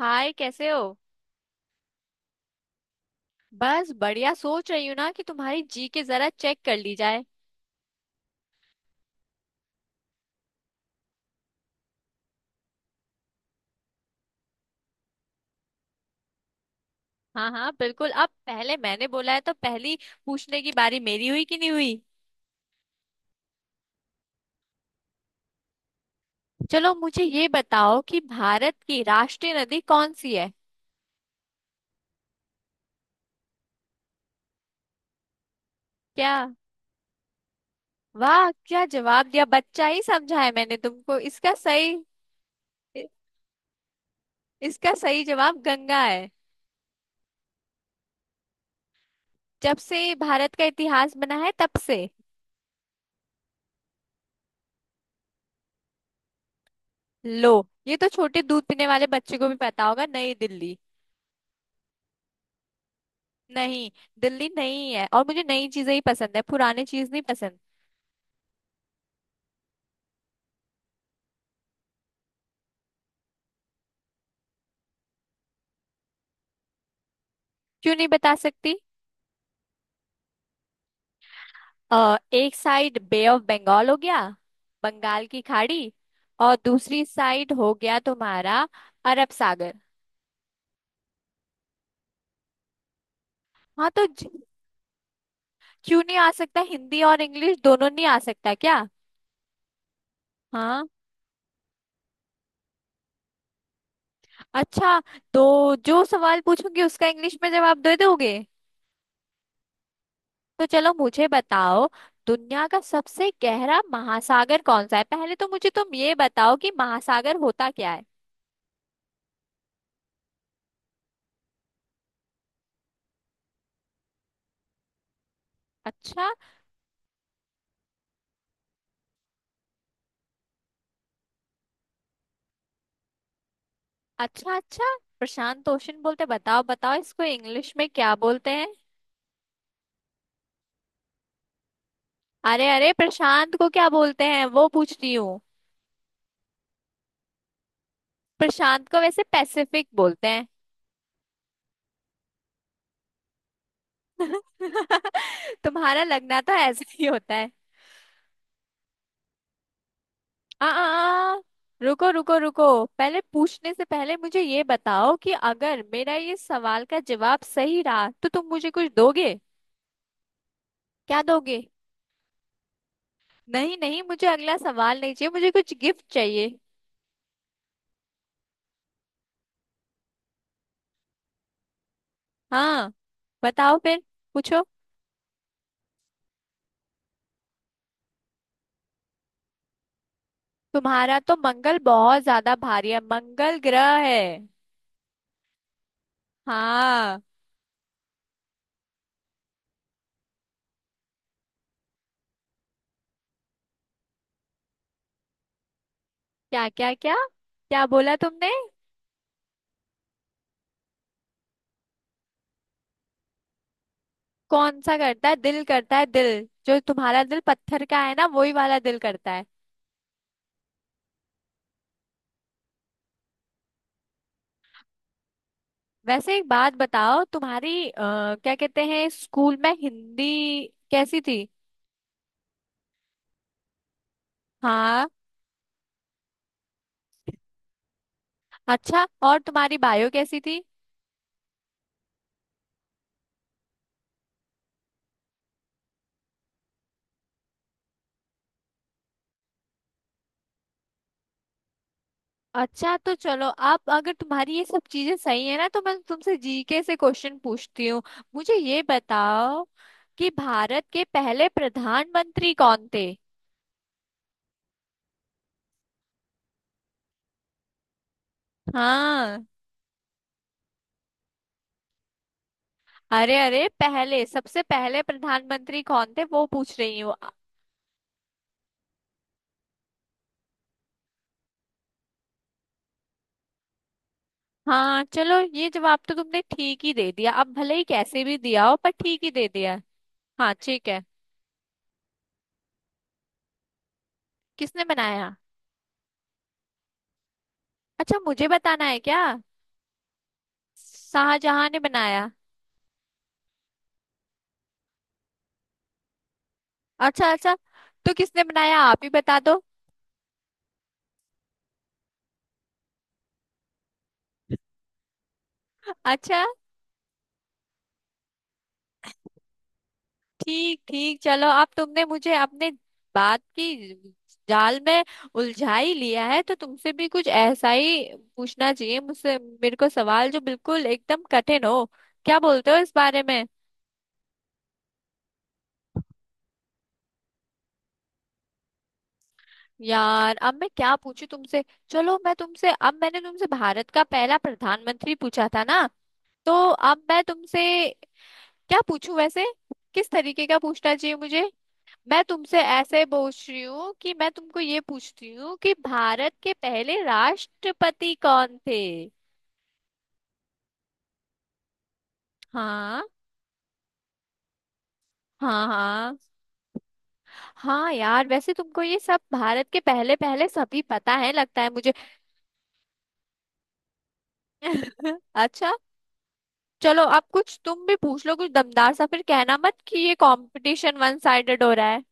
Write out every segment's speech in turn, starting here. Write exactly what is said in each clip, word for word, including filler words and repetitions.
हाय, कैसे हो। बस बढ़िया, सोच रही हूँ ना कि तुम्हारी जी के जरा चेक कर ली जाए। हाँ हाँ बिल्कुल, अब पहले मैंने बोला है तो पहली पूछने की बारी मेरी हुई कि नहीं हुई। चलो मुझे ये बताओ कि भारत की राष्ट्रीय नदी कौन सी है। क्या? वाह, क्या जवाब दिया, बच्चा ही समझा है मैंने तुमको। इसका सही इ- इसका सही जवाब गंगा है। जब से भारत का इतिहास बना है तब से। लो, ये तो छोटे दूध पीने वाले बच्चे को भी पता होगा, नई दिल्ली। नहीं, दिल्ली नहीं है, और मुझे नई चीजें ही पसंद है, पुराने चीज नहीं पसंद। क्यों नहीं बता सकती। अ, एक साइड बे ऑफ बंगाल हो गया, बंगाल की खाड़ी। और दूसरी साइड हो गया तुम्हारा, अरब सागर। हाँ तो ज- क्यों नहीं आ सकता, हिंदी और इंग्लिश दोनों नहीं आ सकता क्या। हाँ। अच्छा, तो जो सवाल पूछूंगी उसका इंग्लिश में जवाब दे दोगे। तो चलो मुझे बताओ, दुनिया का सबसे गहरा महासागर कौन सा है। पहले तो मुझे तुम ये बताओ कि महासागर होता क्या है। अच्छा अच्छा। अच्छा, प्रशांत ओशन बोलते, बताओ बताओ इसको इंग्लिश में क्या बोलते हैं। अरे अरे, प्रशांत को क्या बोलते हैं वो पूछ रही हूँ। प्रशांत को वैसे पैसिफिक बोलते हैं। तुम्हारा लगना तो ऐसा ही होता है। आ, आ, आ, रुको रुको रुको, पहले पूछने से पहले मुझे ये बताओ कि अगर मेरा ये सवाल का जवाब सही रहा तो तुम मुझे कुछ दोगे। क्या दोगे? नहीं नहीं, मुझे अगला सवाल नहीं चाहिए, मुझे कुछ गिफ्ट चाहिए। हाँ, बताओ फिर, पूछो। तुम्हारा तो मंगल बहुत ज्यादा भारी है, मंगल ग्रह है। हाँ। क्या क्या क्या, क्या बोला तुमने? कौन सा करता है, दिल करता है, दिल, जो तुम्हारा दिल पत्थर का है ना, वही वाला दिल करता है। वैसे एक बात बताओ, तुम्हारी अ, क्या कहते हैं, स्कूल में हिंदी कैसी थी। हाँ। अच्छा, और तुम्हारी बायो कैसी थी। अच्छा तो चलो, अब अगर तुम्हारी ये सब चीजें सही है ना, तो मैं तुमसे जीके से क्वेश्चन पूछती हूँ। मुझे ये बताओ कि भारत के पहले प्रधानमंत्री कौन थे। हाँ। अरे अरे, पहले, सबसे पहले प्रधानमंत्री कौन थे वो पूछ रही हूँ। हाँ चलो, ये जवाब तो तुमने ठीक ही दे दिया, अब भले ही कैसे भी दिया हो पर ठीक ही दे दिया। हाँ ठीक है। किसने बनाया? अच्छा, मुझे बताना है क्या? शाहजहां ने बनाया। अच्छा अच्छा, तो किसने बनाया आप ही बता दो। अच्छा। ठीक ठीक चलो, अब तुमने मुझे अपने बात की जाल में उलझा ही लिया है, तो तुमसे भी कुछ ऐसा ही पूछना चाहिए मुझसे, मेरे को सवाल जो बिल्कुल एकदम कठिन हो। क्या बोलते हो इस बारे में? यार अब मैं क्या पूछूं तुमसे। चलो मैं तुमसे, अब मैंने तुमसे भारत का पहला प्रधानमंत्री पूछा था ना, तो अब मैं तुमसे क्या पूछूं वैसे, किस तरीके का पूछना चाहिए मुझे। मैं तुमसे ऐसे पूछ रही हूँ कि मैं तुमको ये पूछती हूँ कि भारत के पहले राष्ट्रपति कौन थे। हाँ हाँ। हाँ हाँ यार, वैसे तुमको ये सब भारत के पहले पहले सभी पता है लगता है मुझे। अच्छा, चलो अब कुछ तुम भी पूछ लो, कुछ दमदार सा, फिर कहना मत कि ये कंपटीशन वन साइडेड हो रहा है।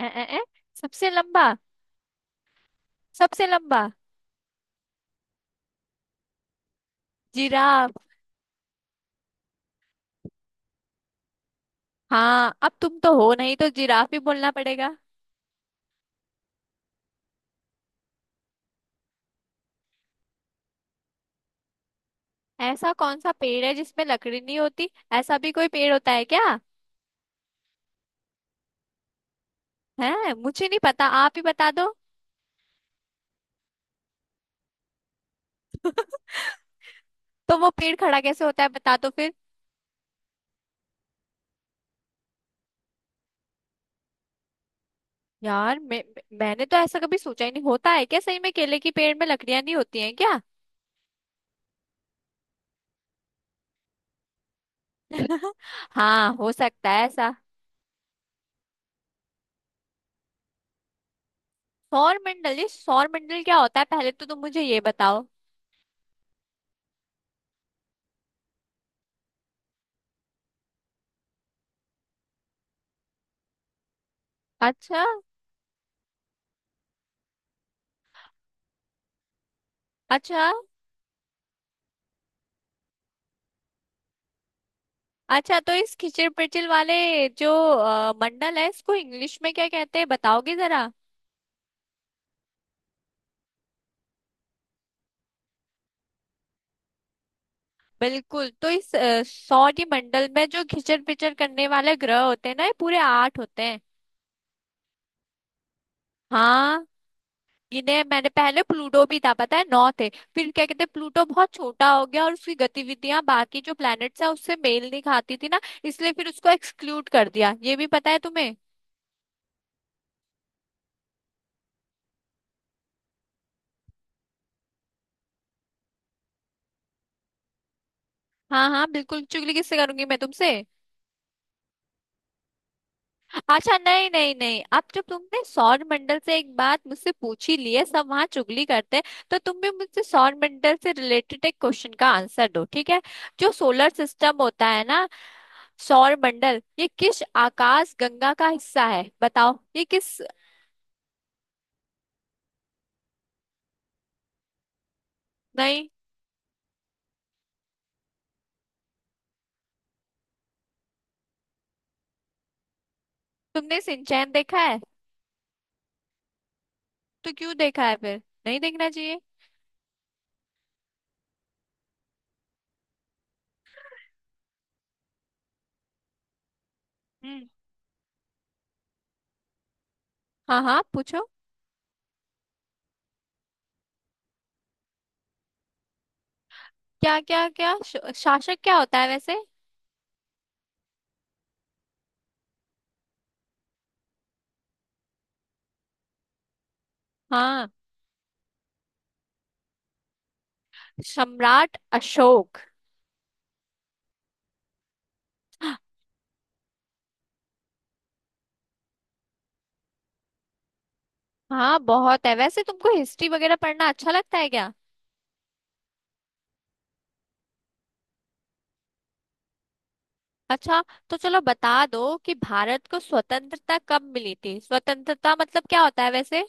ए, ए, ए, सबसे लंबा, सबसे लंबा, जिराफ। हाँ, अब तुम तो हो नहीं तो जिराफ ही बोलना पड़ेगा। ऐसा कौन सा पेड़ है जिसमें लकड़ी नहीं होती, ऐसा भी कोई पेड़ होता है क्या? है, मुझे नहीं पता, आप ही बता दो। तो वो पेड़ खड़ा कैसे होता है बता दो फिर। यार मैं मैंने तो ऐसा कभी सोचा ही नहीं, होता है क्या सही में, केले की पेड़ में लकड़ियां नहीं होती हैं क्या? हाँ, हो सकता है ऐसा। सौरमंडल, ये सौरमंडल क्या होता है पहले तो तुम मुझे ये बताओ। अच्छा अच्छा। अच्छा तो इस खिचड़ पिचड़ वाले जो अ, मंडल है, इसको इंग्लिश में क्या कहते हैं बताओगे जरा? बिल्कुल, तो इस अ, सौर मंडल में जो खिचड़ पिचड़ करने वाले ग्रह होते हैं ना, ये पूरे आठ होते हैं। हाँ। इन्हें मैंने, पहले प्लूटो भी था पता है, नौ थे। फिर क्या कहते हैं, प्लूटो बहुत छोटा हो गया और उसकी गतिविधियां बाकी जो प्लैनेट्स हैं उससे मेल नहीं खाती थी ना, इसलिए फिर उसको एक्सक्लूड कर दिया। ये भी पता है तुम्हें? हाँ हाँ बिल्कुल, चुगली किससे करूंगी मैं, तुमसे। अच्छा नहीं नहीं नहीं, अब जब तुमने सौर मंडल से एक बात मुझसे पूछी ली है, सब वहां चुगली करते हैं, तो तुम भी मुझसे सौर मंडल से रिलेटेड एक क्वेश्चन का आंसर दो, ठीक है। जो सोलर सिस्टम होता है ना, सौर मंडल, ये किस आकाश गंगा का हिस्सा है, बताओ ये किस। नहीं। तुमने सिंचैन देखा है, तो क्यों देखा है, फिर नहीं देखना चाहिए। हम्म। हाँ हाँ पूछो। क्या क्या क्या, श- शासक क्या होता है वैसे? हाँ। सम्राट अशोक। हाँ बहुत है, वैसे तुमको हिस्ट्री वगैरह पढ़ना अच्छा लगता है क्या? अच्छा, तो चलो बता दो कि भारत को स्वतंत्रता कब मिली थी, स्वतंत्रता मतलब क्या होता है वैसे?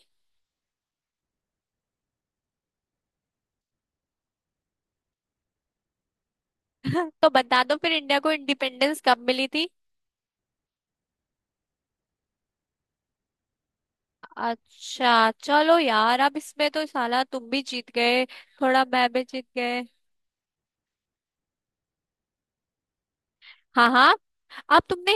तो बता दो फिर, इंडिया को इंडिपेंडेंस कब मिली थी। अच्छा चलो यार, अब इसमें तो साला तुम भी जीत गए। थोड़ा मैं भी जीत गए। हाँ हाँ, अब तुमने,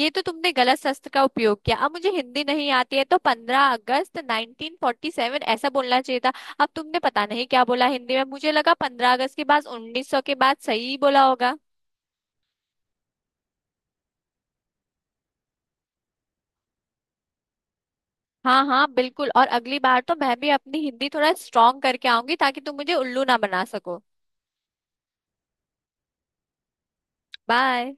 ये तो तुमने गलत शस्त्र का उपयोग किया, अब मुझे हिंदी नहीं आती है तो पंद्रह अगस्त नाइनटीन फोर्टी सेवन ऐसा बोलना चाहिए था। अब तुमने पता नहीं क्या बोला हिंदी में, मुझे लगा पंद्रह अगस्त के बाद उन्नीस सौ के बाद सही बोला होगा। हाँ हाँ बिल्कुल, और अगली बार तो मैं भी अपनी हिंदी थोड़ा स्ट्रांग करके आऊंगी ताकि तुम मुझे उल्लू ना बना सको। बाय।